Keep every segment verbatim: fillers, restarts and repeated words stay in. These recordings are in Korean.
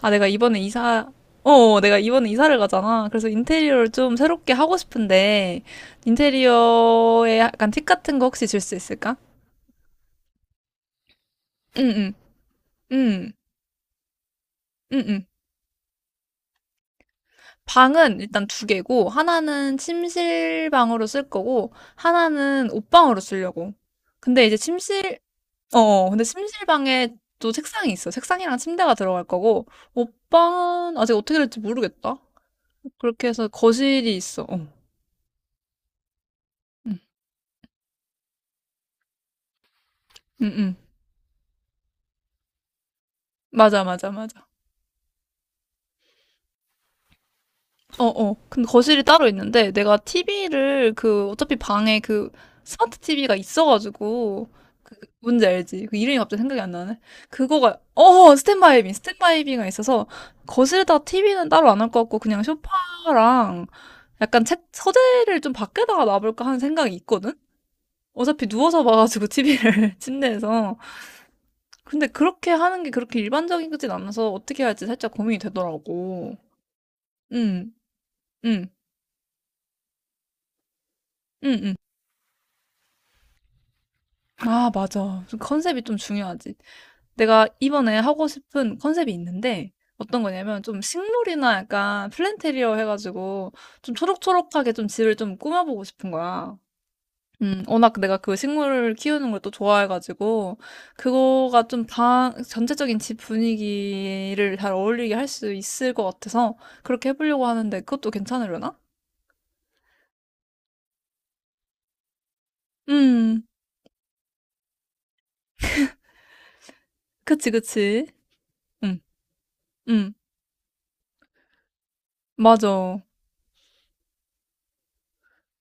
아, 내가 이번에 이사, 어, 어, 내가 이번에 이사를 가잖아. 그래서 인테리어를 좀 새롭게 하고 싶은데, 인테리어에 약간 팁 같은 거 혹시 줄 수 있을까? 응, 응, 응, 응, 응. 방은 일단 두 개고, 하나는 침실방으로 쓸 거고, 하나는 옷방으로 쓰려고. 근데 이제 침실, 어, 어, 근데 침실방에 또 책상이 있어. 책상이랑 침대가 들어갈 거고, 옷방은 아직 어떻게 될지 모르겠다. 그렇게 해서 거실이 있어. 어. 응, 응, 응. 맞아, 맞아, 맞아. 어, 어. 근데 거실이 따로 있는데 내가 티비를 그 어차피 방에 그 스마트 티비가 있어가지고 그 뭔지 알지? 그 이름이 갑자기 생각이 안 나네. 그거가 어 스탠바이비 스탠바이비가 있어서 거실에다 티비는 따로 안 할 것 같고 그냥 소파랑 약간 책 서재를 좀 밖에다가 놔볼까 하는 생각이 있거든. 어차피 누워서 봐가지고 티비를 침대에서. 근데 그렇게 하는 게 그렇게 일반적이진 않아서 어떻게 할지 살짝 고민이 되더라고. 응, 응, 응, 응. 아, 맞아. 좀 컨셉이 좀 중요하지. 내가 이번에 하고 싶은 컨셉이 있는데, 어떤 거냐면, 좀 식물이나 약간 플랜테리어 해가지고, 좀 초록초록하게 좀 집을 좀 꾸며보고 싶은 거야. 음, 워낙 내가 그 식물을 키우는 걸 또 좋아해가지고, 그거가 좀 방, 전체적인 집 분위기를 잘 어울리게 할 수 있을 것 같아서, 그렇게 해보려고 하는데, 그것도 괜찮으려나? 음, 그치, 그치. 음, 음, 맞아.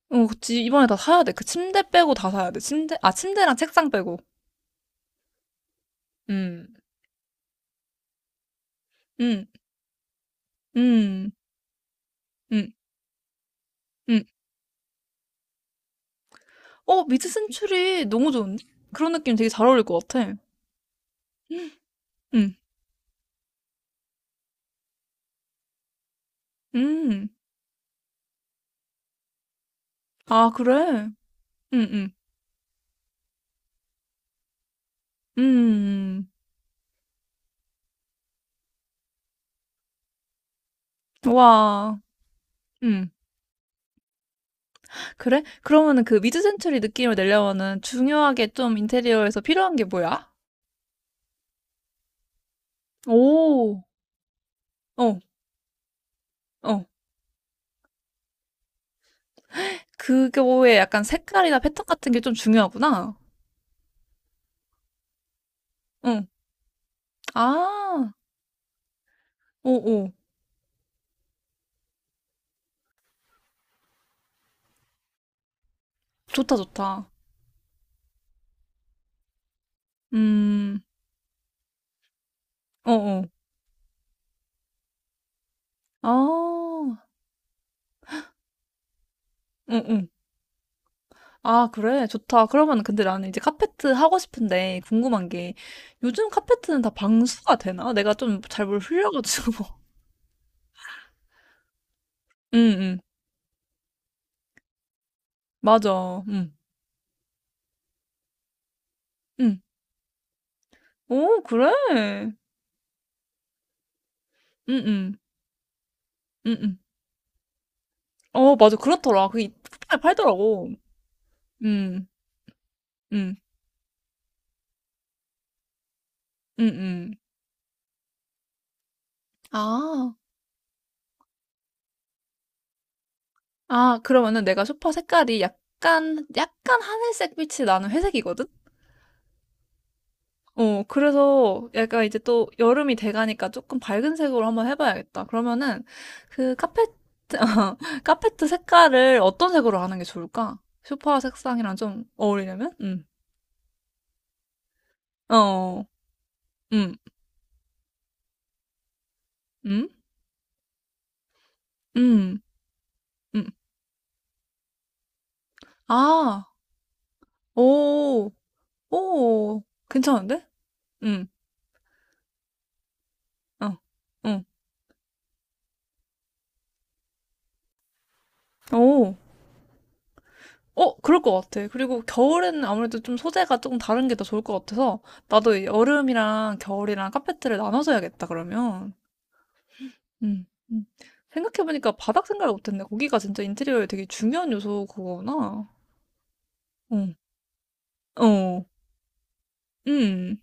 어, 그치. 이번에 다 사야 돼. 그 침대 빼고 다 사야 돼. 침대, 아, 침대랑 책상 빼고. 음, 음, 음, 음, 음. 어, 미드 센츄리 너무 좋은데? 그런 느낌 되게 잘 어울릴 것 같아. 음, 음. 아, 그래? 음, 음, 음. 와. 음. 그래? 그러면은 그 미드 센츄리 느낌을 내려면은 중요하게 좀 인테리어에서 필요한 게 뭐야? 오, 어, 어. 그거에 약간 색깔이나 패턴 같은 게 좀 중요하구나. 응. 아, 오, 오. 좋다, 좋다. 음, 어어. 아, 응응. 아, 그래. 좋다. 그러면 근데 나는 이제 카페트 하고 싶은데 궁금한 게 요즘 카페트는 다 방수가 되나? 내가 좀 잘 뭘 흘려가지고. 응응. 맞아. 응. 응. 오, 그래. 응응. 응응. 어, 맞아. 그렇더라. 그게 쿠팡에 팔더라고. 응. 응. 응응. 아. 아, 그러면은 내가 소파 색깔이 약간 약간 하늘색 빛이 나는 회색이거든? 어, 그래서 약간 이제 또 여름이 돼가니까 조금 밝은 색으로 한번 해봐야겠다. 그러면은 그 카페트, 카페트 색깔을 어떤 색으로 하는 게 좋을까? 소파 색상이랑 좀 어울리려면? 음. 어, 음, 음, 음, 음. 아, 오, 오, 괜찮은데? 음, 어, 응, 오. 어, 그럴 것 같아. 그리고 겨울에는 아무래도 좀 소재가 조금 다른 게 더 좋을 것 같아서 나도 이 여름이랑 겨울이랑 카페트를 나눠서 해야겠다, 그러면. 음. 음. 생각해 보니까 바닥 생각을 못 했네. 거기가 진짜 인테리어의 되게 중요한 요소구나. 응. 어. 음.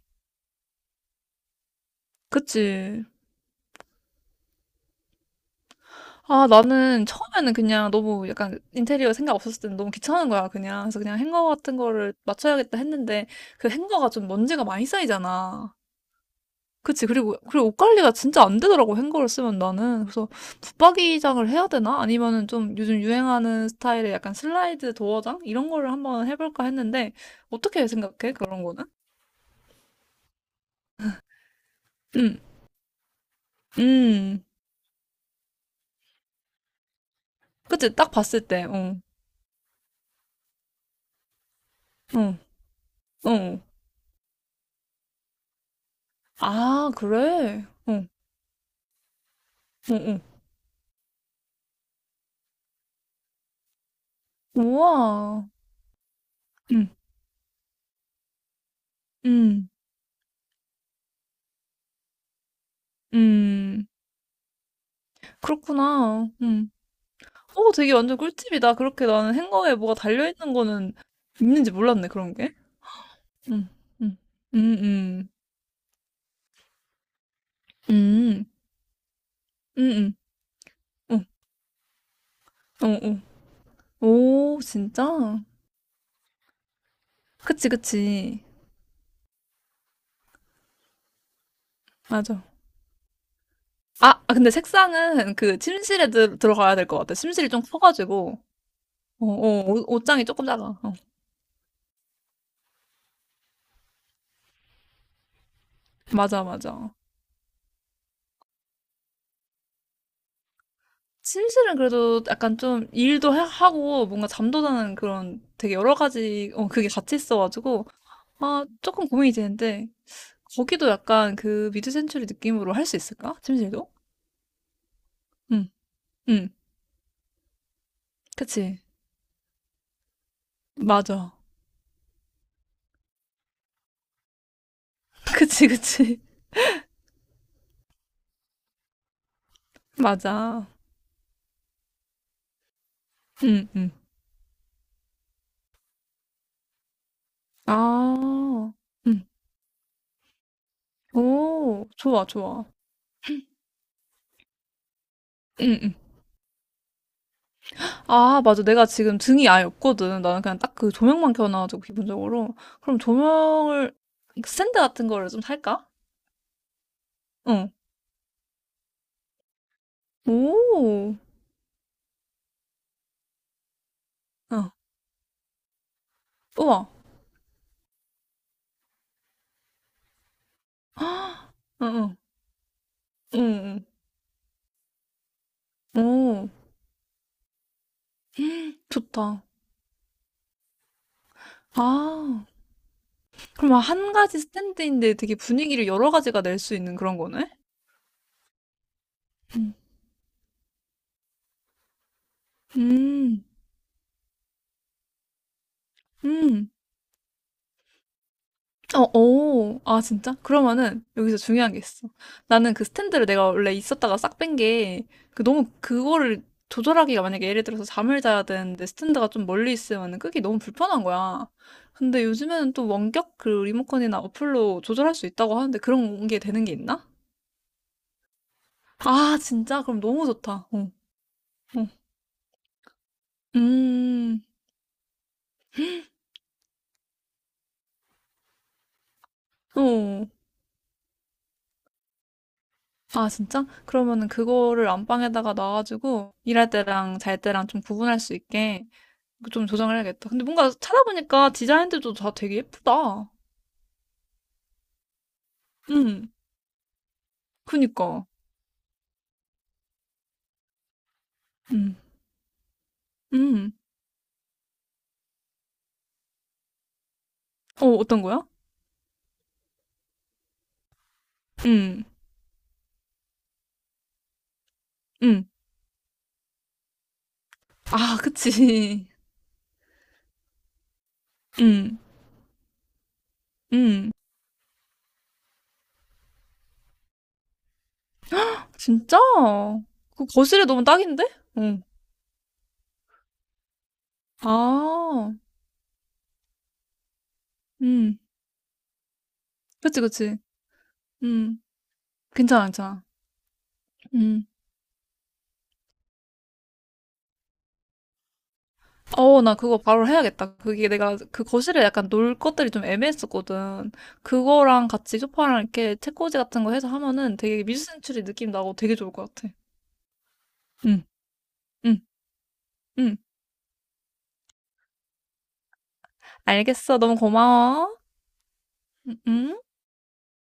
그치. 아, 나는 처음에는 그냥 너무 약간 인테리어 생각 없었을 때는 너무 귀찮은 거야, 그냥. 그래서 그냥 행거 같은 거를 맞춰야겠다 했는데 그 행거가 좀 먼지가 많이 쌓이잖아. 그치. 그리고, 그리고 옷 관리가 진짜 안 되더라고, 행거를 쓰면 나는. 그래서, 붙박이장을 해야 되나? 아니면은 좀 요즘 유행하는 스타일의 약간 슬라이드 도어장? 이런 거를 한번 해볼까 했는데, 어떻게 생각해? 그런 거는? 음, 음. 그치. 딱 봤을 때, 어, 어, 어. 아, 그래? 어, 어, 어. 우와. 음, 음, 음. 그렇구나. 음. 어, 되게 완전 꿀팁이다. 그렇게 나는 행거에 뭐가 달려있는 거는 있는지 몰랐네, 그런 게. 음. 음. 음음. 음. 음음. 어. 어어. 오 진짜? 그치, 그치. 맞아. 아 아 근데 색상은 그 침실에 들 들어가야 될 것 같아. 침실이 좀 커 가지고. 어어. 옷 옷장이 조금 작아. 어. 맞아, 맞아. 침실은 그래도 약간 좀 일도 하- 하고 뭔가 잠도 자는 그런 되게 여러 가지 어 그게 같이 있어 가지고 아 조금 고민이 되는데 거기도 약간 그 미드 센추리 느낌으로 할 수 있을까? 침실도? 응 응 그치. 맞아. 그치, 그치. 맞아. 응, 응. 아, 응. 오, 좋아, 좋아. 응, 응. 아, 맞아. 내가 지금 등이 아예 없거든. 나는 그냥 딱 그 조명만 켜놔가지고, 기본적으로. 그럼 조명을, 스탠드 같은 거를 좀 살까? 응. 오, 응. 우와. 응, 응. 응, 응. 오, 좋다. 아, 그럼 한 가지 스탠드인데 되게 분위기를 여러 가지가 낼 수 있는 그런 거네? 응. 음, 음. 어, 오. 아, 진짜? 그러면은 여기서 중요한 게 있어. 나는 그 스탠드를 내가 원래 있었다가 싹 뺀 게, 그 너무 그거를 조절하기가 만약에 예를 들어서 잠을 자야 되는데 스탠드가 좀 멀리 있으면은 기 너무 불편한 거야. 근데 요즘에는 또 원격 그 리모컨이나 어플로 조절할 수 있다고 하는데 그런 게 되는 게 있나? 아, 진짜? 그럼 너무 좋다. 어, 어. 음, 어. 아, 진짜? 그러면은 그거를 안방에다가 놔가지고 일할 때랑 잘 때랑 좀 구분할 수 있게 이거 좀 조정해야겠다. 근데 뭔가 찾아보니까 디자인들도 다 되게 예쁘다. 음, 그니까. 음, 음. 어, 어떤 거야? 음, 음. 아, 그치. 음, 음. 진짜? 그 거실에 놓으면 딱인데? 응. 아, 음. 그치, 그치. 음. 괜찮아, 괜찮아. 음. 어, 나 그거 바로 해야겠다. 그게 내가 그 거실에 약간 놀 것들이 좀 애매했었거든. 그거랑 같이 소파랑 이렇게 책꽂이 같은 거 해서 하면은 되게 미술센츄리 느낌 나고 되게 좋을 것 같아. 응, 응, 응. 알겠어. 너무 고마워. 응, 응.